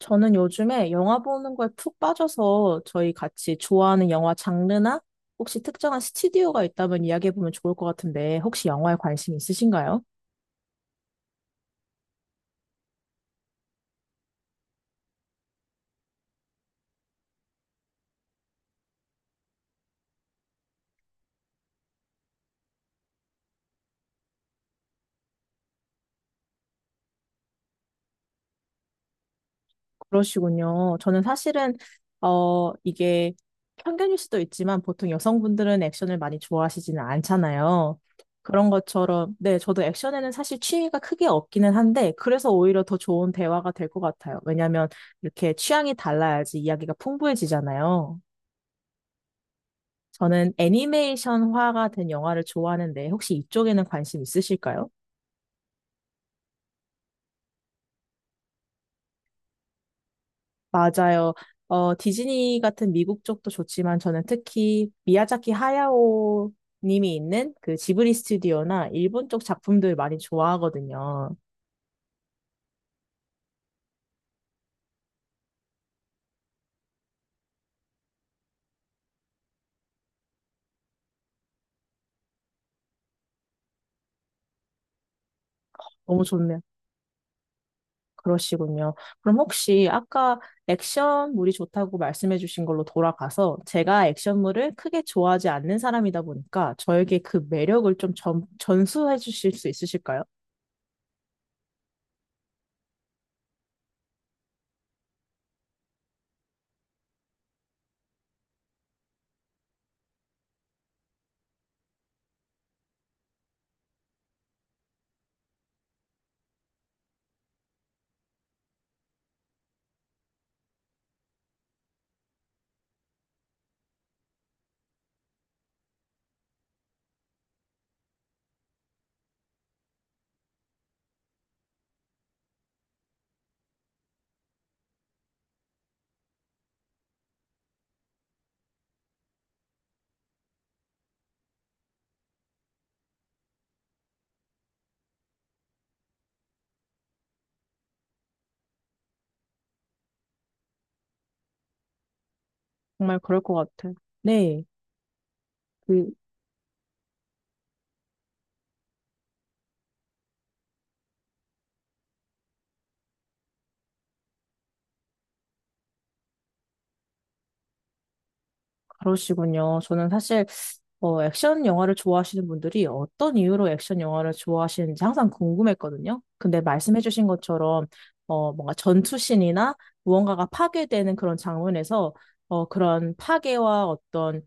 저는 요즘에 영화 보는 거에 푹 빠져서 저희 같이 좋아하는 영화 장르나 혹시 특정한 스튜디오가 있다면 이야기해보면 좋을 것 같은데 혹시 영화에 관심 있으신가요? 그러시군요. 저는 사실은, 이게 편견일 수도 있지만 보통 여성분들은 액션을 많이 좋아하시지는 않잖아요. 그런 것처럼, 네, 저도 액션에는 사실 취미가 크게 없기는 한데, 그래서 오히려 더 좋은 대화가 될 것 같아요. 왜냐하면 이렇게 취향이 달라야지 이야기가 풍부해지잖아요. 저는 애니메이션화가 된 영화를 좋아하는데, 혹시 이쪽에는 관심 있으실까요? 맞아요. 디즈니 같은 미국 쪽도 좋지만, 저는 특히 미야자키 하야오 님이 있는 그 지브리 스튜디오나 일본 쪽 작품들 많이 좋아하거든요. 너무 좋네요. 그러시군요. 그럼 혹시 아까 액션물이 좋다고 말씀해 주신 걸로 돌아가서, 제가 액션물을 크게 좋아하지 않는 사람이다 보니까 저에게 그 매력을 좀 전수해 주실 수 있으실까요? 정말 그럴 것 같아. 네. 그, 그러시군요. 저는 사실 액션 영화를 좋아하시는 분들이 어떤 이유로 액션 영화를 좋아하시는지 항상 궁금했거든요. 근데 말씀해주신 것처럼, 뭔가 전투신이나 무언가가 파괴되는 그런 장면에서, 그런 파괴와 어떤,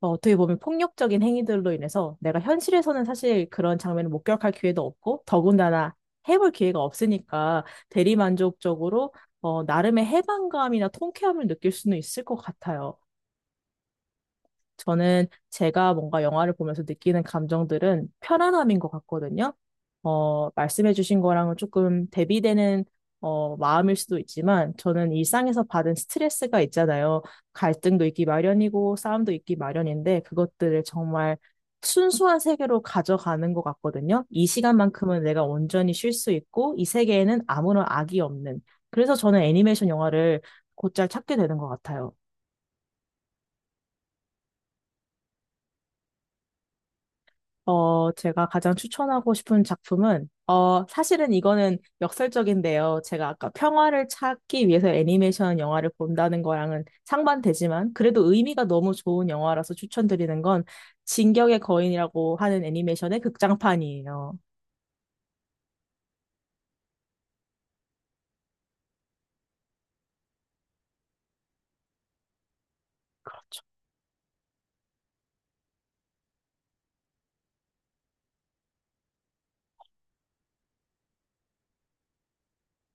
어떻게 보면 폭력적인 행위들로 인해서 내가 현실에서는 사실 그런 장면을 목격할 기회도 없고, 더군다나 해볼 기회가 없으니까 대리만족적으로 나름의 해방감이나 통쾌함을 느낄 수는 있을 것 같아요. 저는 제가 뭔가 영화를 보면서 느끼는 감정들은 편안함인 것 같거든요. 말씀해주신 거랑은 조금 대비되는 마음일 수도 있지만, 저는 일상에서 받은 스트레스가 있잖아요. 갈등도 있기 마련이고 싸움도 있기 마련인데, 그것들을 정말 순수한 세계로 가져가는 것 같거든요. 이 시간만큼은 내가 온전히 쉴 수 있고, 이 세계에는 아무런 악이 없는. 그래서 저는 애니메이션 영화를 곧잘 찾게 되는 것 같아요. 제가 가장 추천하고 싶은 작품은, 사실은 이거는 역설적인데요. 제가 아까 평화를 찾기 위해서 애니메이션 영화를 본다는 거랑은 상반되지만, 그래도 의미가 너무 좋은 영화라서 추천드리는 건, 진격의 거인이라고 하는 애니메이션의 극장판이에요. 그렇죠.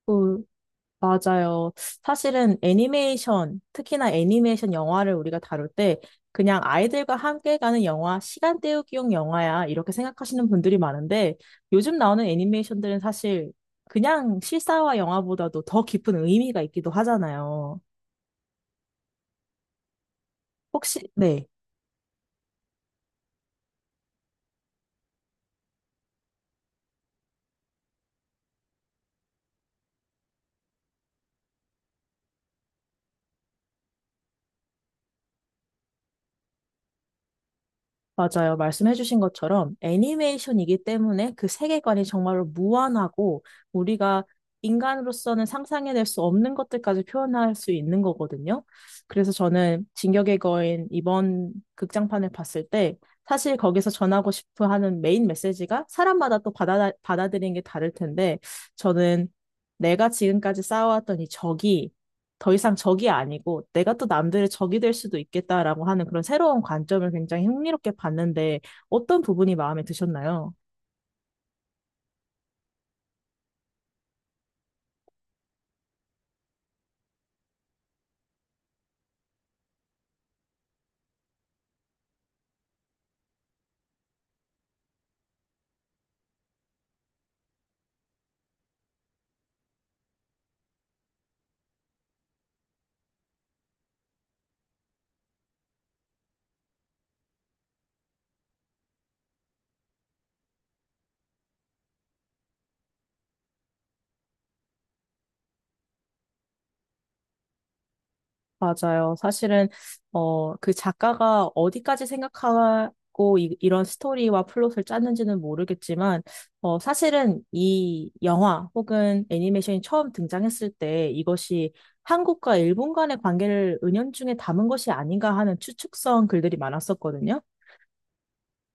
그 맞아요. 사실은 애니메이션, 특히나 애니메이션 영화를 우리가 다룰 때, 그냥 아이들과 함께 가는 영화, 시간 때우기용 영화야, 이렇게 생각하시는 분들이 많은데, 요즘 나오는 애니메이션들은 사실 그냥 실사화 영화보다도 더 깊은 의미가 있기도 하잖아요. 혹시, 네. 맞아요. 말씀해주신 것처럼 애니메이션이기 때문에 그 세계관이 정말로 무한하고, 우리가 인간으로서는 상상해낼 수 없는 것들까지 표현할 수 있는 거거든요. 그래서 저는 진격의 거인 이번 극장판을 봤을 때, 사실 거기서 전하고 싶어 하는 메인 메시지가 사람마다 또 받아들이는 게 다를 텐데, 저는 내가 지금까지 쌓아왔던 이 적이 더 이상 적이 아니고 내가 또 남들의 적이 될 수도 있겠다라고 하는 그런 새로운 관점을 굉장히 흥미롭게 봤는데, 어떤 부분이 마음에 드셨나요? 맞아요. 사실은 그 작가가 어디까지 생각하고 이런 스토리와 플롯을 짰는지는 모르겠지만, 사실은 이 영화 혹은 애니메이션이 처음 등장했을 때 이것이 한국과 일본 간의 관계를 은연중에 담은 것이 아닌가 하는 추측성 글들이 많았었거든요.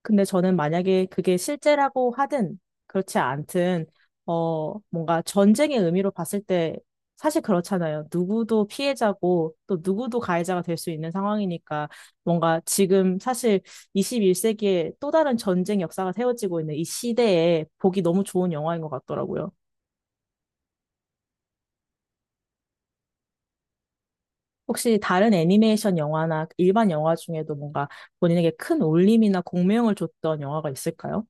근데 저는 만약에 그게 실제라고 하든 그렇지 않든, 뭔가 전쟁의 의미로 봤을 때 사실 그렇잖아요. 누구도 피해자고 또 누구도 가해자가 될 수 있는 상황이니까, 뭔가 지금 사실 21세기에 또 다른 전쟁 역사가 세워지고 있는 이 시대에 보기 너무 좋은 영화인 것 같더라고요. 혹시 다른 애니메이션 영화나 일반 영화 중에도 뭔가 본인에게 큰 울림이나 공명을 줬던 영화가 있을까요?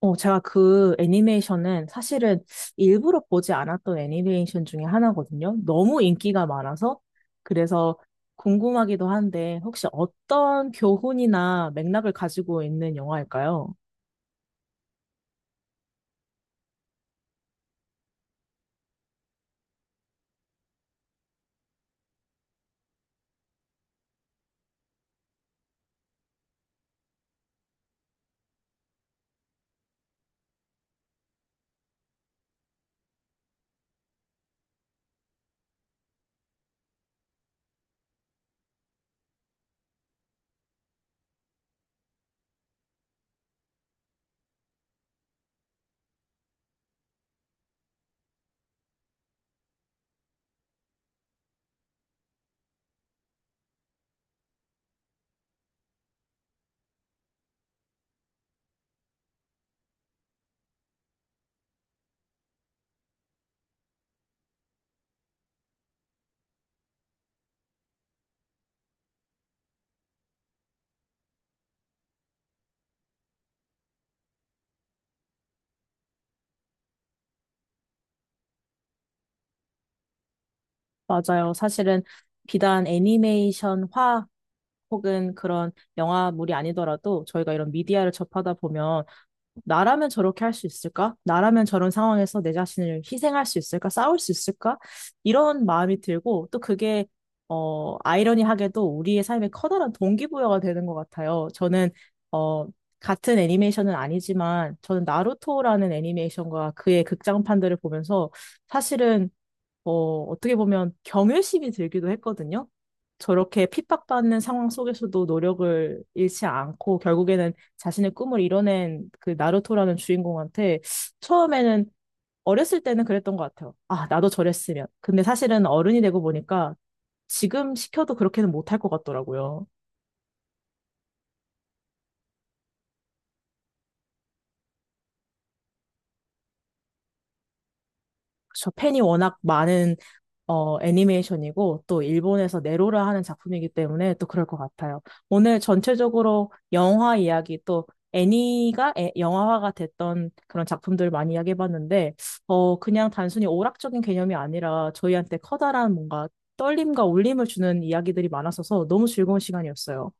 제가 그 애니메이션은 사실은 일부러 보지 않았던 애니메이션 중에 하나거든요. 너무 인기가 많아서. 그래서 궁금하기도 한데, 혹시 어떤 교훈이나 맥락을 가지고 있는 영화일까요? 맞아요. 사실은 비단 애니메이션화 혹은 그런 영화물이 아니더라도 저희가 이런 미디어를 접하다 보면, 나라면 저렇게 할 수 있을까? 나라면 저런 상황에서 내 자신을 희생할 수 있을까? 싸울 수 있을까? 이런 마음이 들고, 또 그게 아이러니하게도 우리의 삶에 커다란 동기부여가 되는 것 같아요. 저는 어 같은 애니메이션은 아니지만, 저는 나루토라는 애니메이션과 그의 극장판들을 보면서 사실은 어떻게 보면 경외심이 들기도 했거든요. 저렇게 핍박받는 상황 속에서도 노력을 잃지 않고 결국에는 자신의 꿈을 이뤄낸 그 나루토라는 주인공한테, 처음에는, 어렸을 때는 그랬던 것 같아요. 아, 나도 저랬으면. 근데 사실은 어른이 되고 보니까 지금 시켜도 그렇게는 못할 것 같더라고요. 저, 팬이 워낙 많은 애니메이션이고 또 일본에서 네로라 하는 작품이기 때문에 또 그럴 것 같아요. 오늘 전체적으로 영화 이야기 또 애니가 영화화가 됐던 그런 작품들 많이 이야기해봤는데, 그냥 단순히 오락적인 개념이 아니라 저희한테 커다란 뭔가 떨림과 울림을 주는 이야기들이 많았어서 너무 즐거운 시간이었어요.